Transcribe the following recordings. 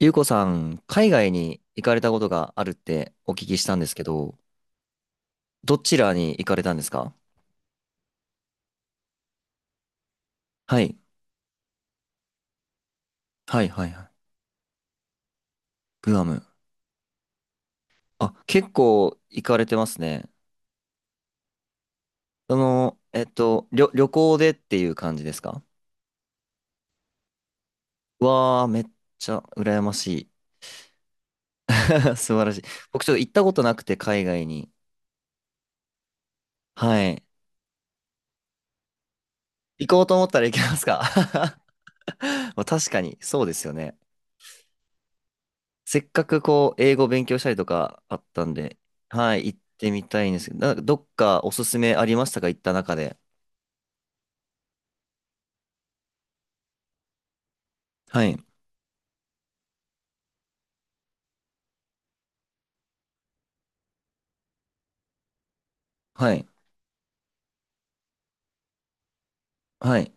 ゆうこさん、海外に行かれたことがあるってお聞きしたんですけど、どちらに行かれたんですか？はい。はいはいはい。グアム。あ、結構行かれてますね。その、旅行でっていう感じですか？わー、めっちゃ羨ましい。素晴らしい。僕ちょっと行ったことなくて、海外に。はい。行こうと思ったら行けますか？ まあ確かに、そうですよね。せっかくこう、英語勉強したりとかあったんで、はい、行ってみたいんですけど、なんかどっかおすすめありましたか行った中で？はい、はい、はい、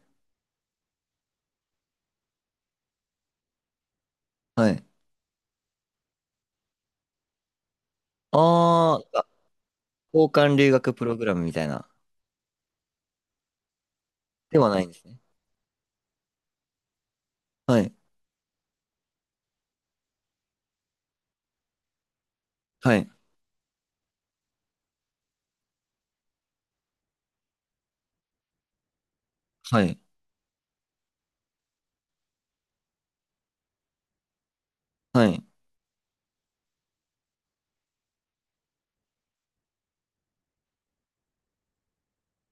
はい。あー、あ交換留学プログラムみたいな。ではないんですね。はい、はい、はい、はい。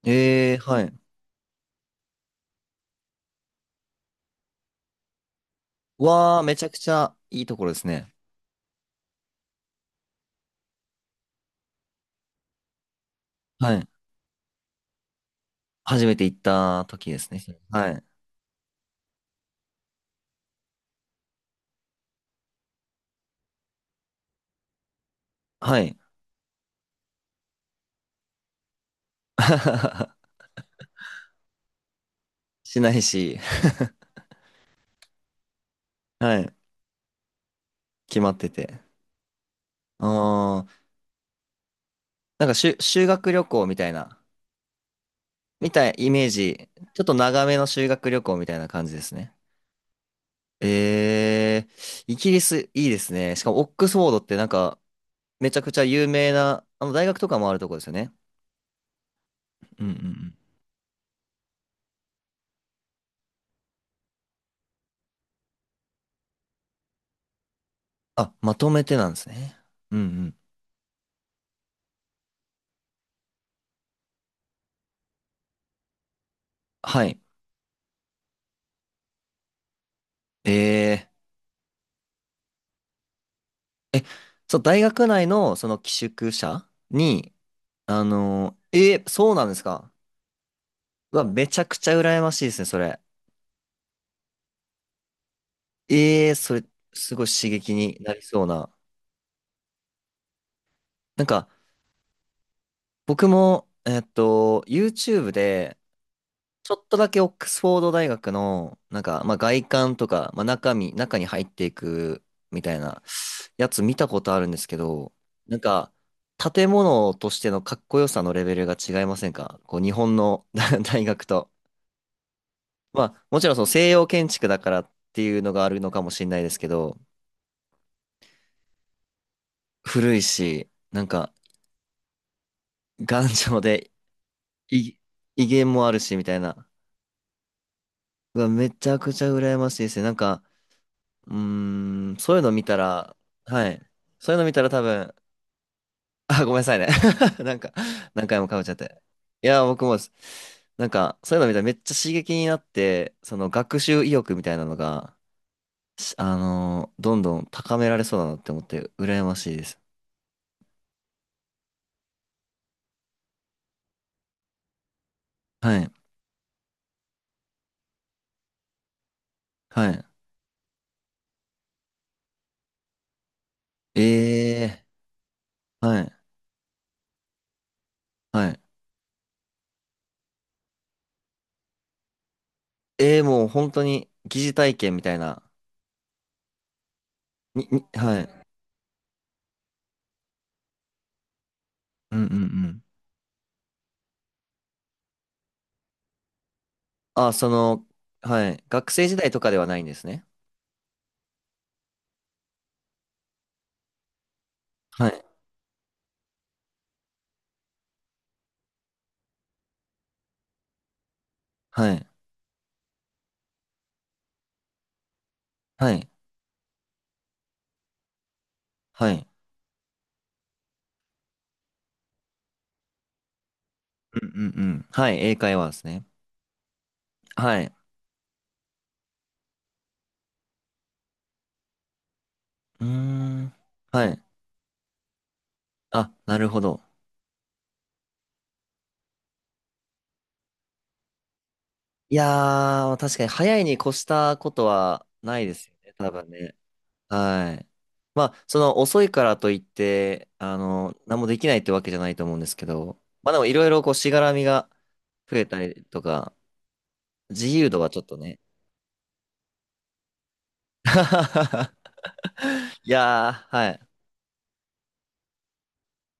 はい。わー、めちゃくちゃいいところですね。はい。初めて行った時ですね。はい、はい。しないし、はい、決まってて。あー、なんか修学旅行みたいな。みたい、イメージ。ちょっと長めの修学旅行みたいな感じですね。えイギリスいいですね。しかもオックスフォードってなんか、めちゃくちゃ有名な、あの大学とかもあるとこですよね。うんうんうん。あ、まとめてなんですね。うんうん。はい。えー、え、そう、大学内のその寄宿舎に、そうなんですか。うわ、めちゃくちゃ羨ましいですね、それ。それ、すごい刺激になりそうな。なんか、僕も、YouTube で、ちょっとだけオックスフォード大学の、なんか、まあ、外観とか、まあ、中身、中に入っていくみたいなやつ見たことあるんですけど、なんか、建物としてのかっこよさのレベルが違いませんかこう、日本の 大学と？まあ、もちろんその西洋建築だからっていうのがあるのかもしれないですけど、古いし、なんか、頑丈で、い威厳もあるし、みたいな。うわ、めちゃくちゃ羨ましいですね。なんか、そういうの見たら、はい。そういうの見たら多分、あ、ごめんなさいね。なんか、何回もかぶっちゃって。いや、僕もです、なんか、そういうの見たらめっちゃ刺激になって、その学習意欲みたいなのが、しあのーどんどん高められそうだなって思って、羨ましいです。はい。はい。えはい。はい。もう本当に疑似体験みたいな。に、はい。うんうんうん。あ、その、はい。学生時代とかではないんですね。はい。はい。はい。はい。うんうんうん。はい。英会話ですね。はい。うーん。はい。あ、なるほど。いやー、確かに早いに越したことはないですよね。多分ね。はい。まあ、その遅いからといって、あの、何もできないってわけじゃないと思うんですけど、まあでもいろいろこうしがらみが増えたりとか、自由度がちょっとね。いやー、はい。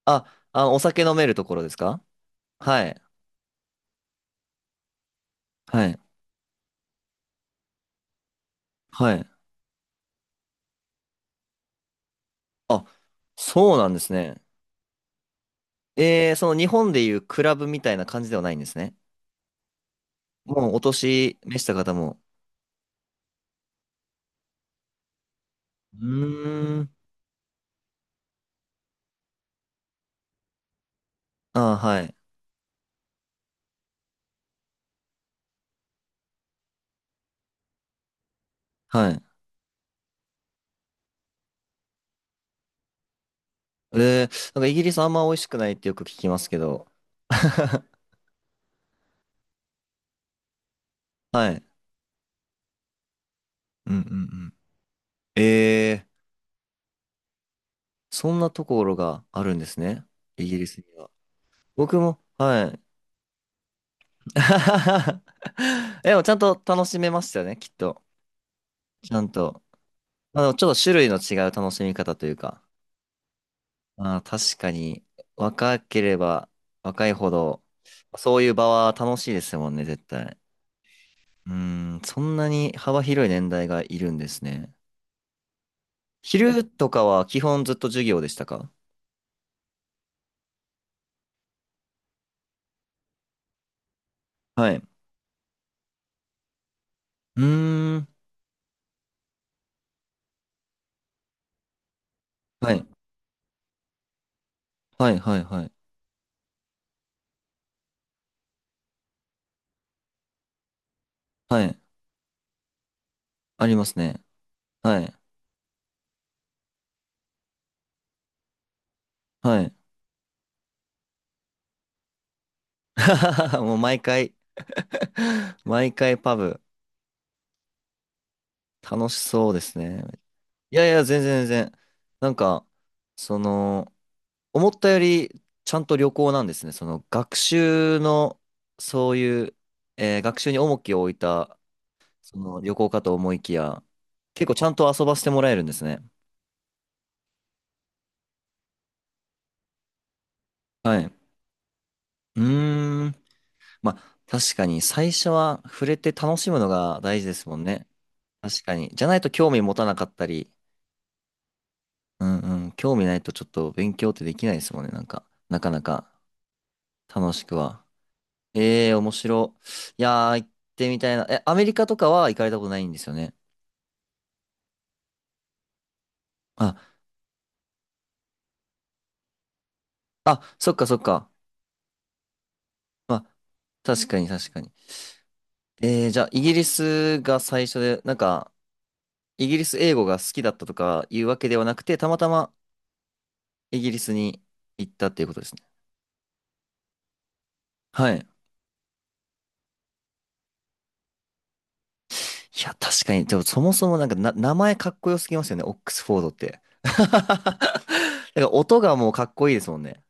あ、お酒飲めるところですか？はい。はい。はい。あ、そうなんですね。その日本でいうクラブみたいな感じではないんですね。もうお年召した方も。うーん。ああ、はい。はい。なんかイギリスあんま美味しくないってよく聞きますけど。はい。うんうんうん。えー、そんなところがあるんですね。イギリスには。僕も、はい。でもちゃんと楽しめましたよね、きっと。ちゃんと。まあの、ちょっと種類の違う楽しみ方というか。まあ確かに、若ければ若いほど、そういう場は楽しいですもんね、絶対。うん、そんなに幅広い年代がいるんですね。昼とかは基本ずっと授業でしたか？はい。うーん。はい。はい、はい、はい。はい。ありますね。はい。はい。もう毎回 毎回パブ、楽しそうですね。いやいや、全然全然。なんか、その、思ったよりちゃんと旅行なんですね。その学習の、そういう、学習に重きを置いた、その旅行かと思いきや、結構ちゃんと遊ばせてもらえるんですね。はい。うーん。まあ、確かに最初は触れて楽しむのが大事ですもんね。確かに。じゃないと興味持たなかったり、うんうん、興味ないとちょっと勉強ってできないですもんね。なんか、なかなか楽しくは。ええ、面白。いやー、行ってみたいな。え、アメリカとかは行かれたことないんですよね。あ、そっかそっか。まあ、確かに確かに。じゃあ、イギリスが最初で、なんか、イギリス英語が好きだったとかいうわけではなくて、たまたまイギリスに行ったっていうことですね。はい。いや、確かに。でも、そもそもなんかな、名前かっこよすぎますよね。オックスフォードって。なんか、音がもうかっこいいですもんね。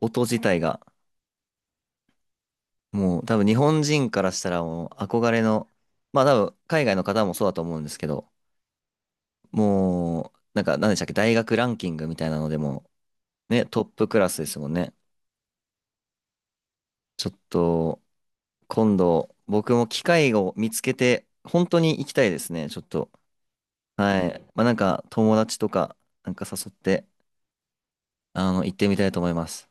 音自体が。もう多分日本人からしたらもう憧れの、まあ多分海外の方もそうだと思うんですけど、もうなんか何でしたっけ、大学ランキングみたいなのでもね、トップクラスですもんね。ちょっと今度僕も機会を見つけて本当に行きたいですね、ちょっと。はい。まあなんか友達とかなんか誘って行ってみたいと思います。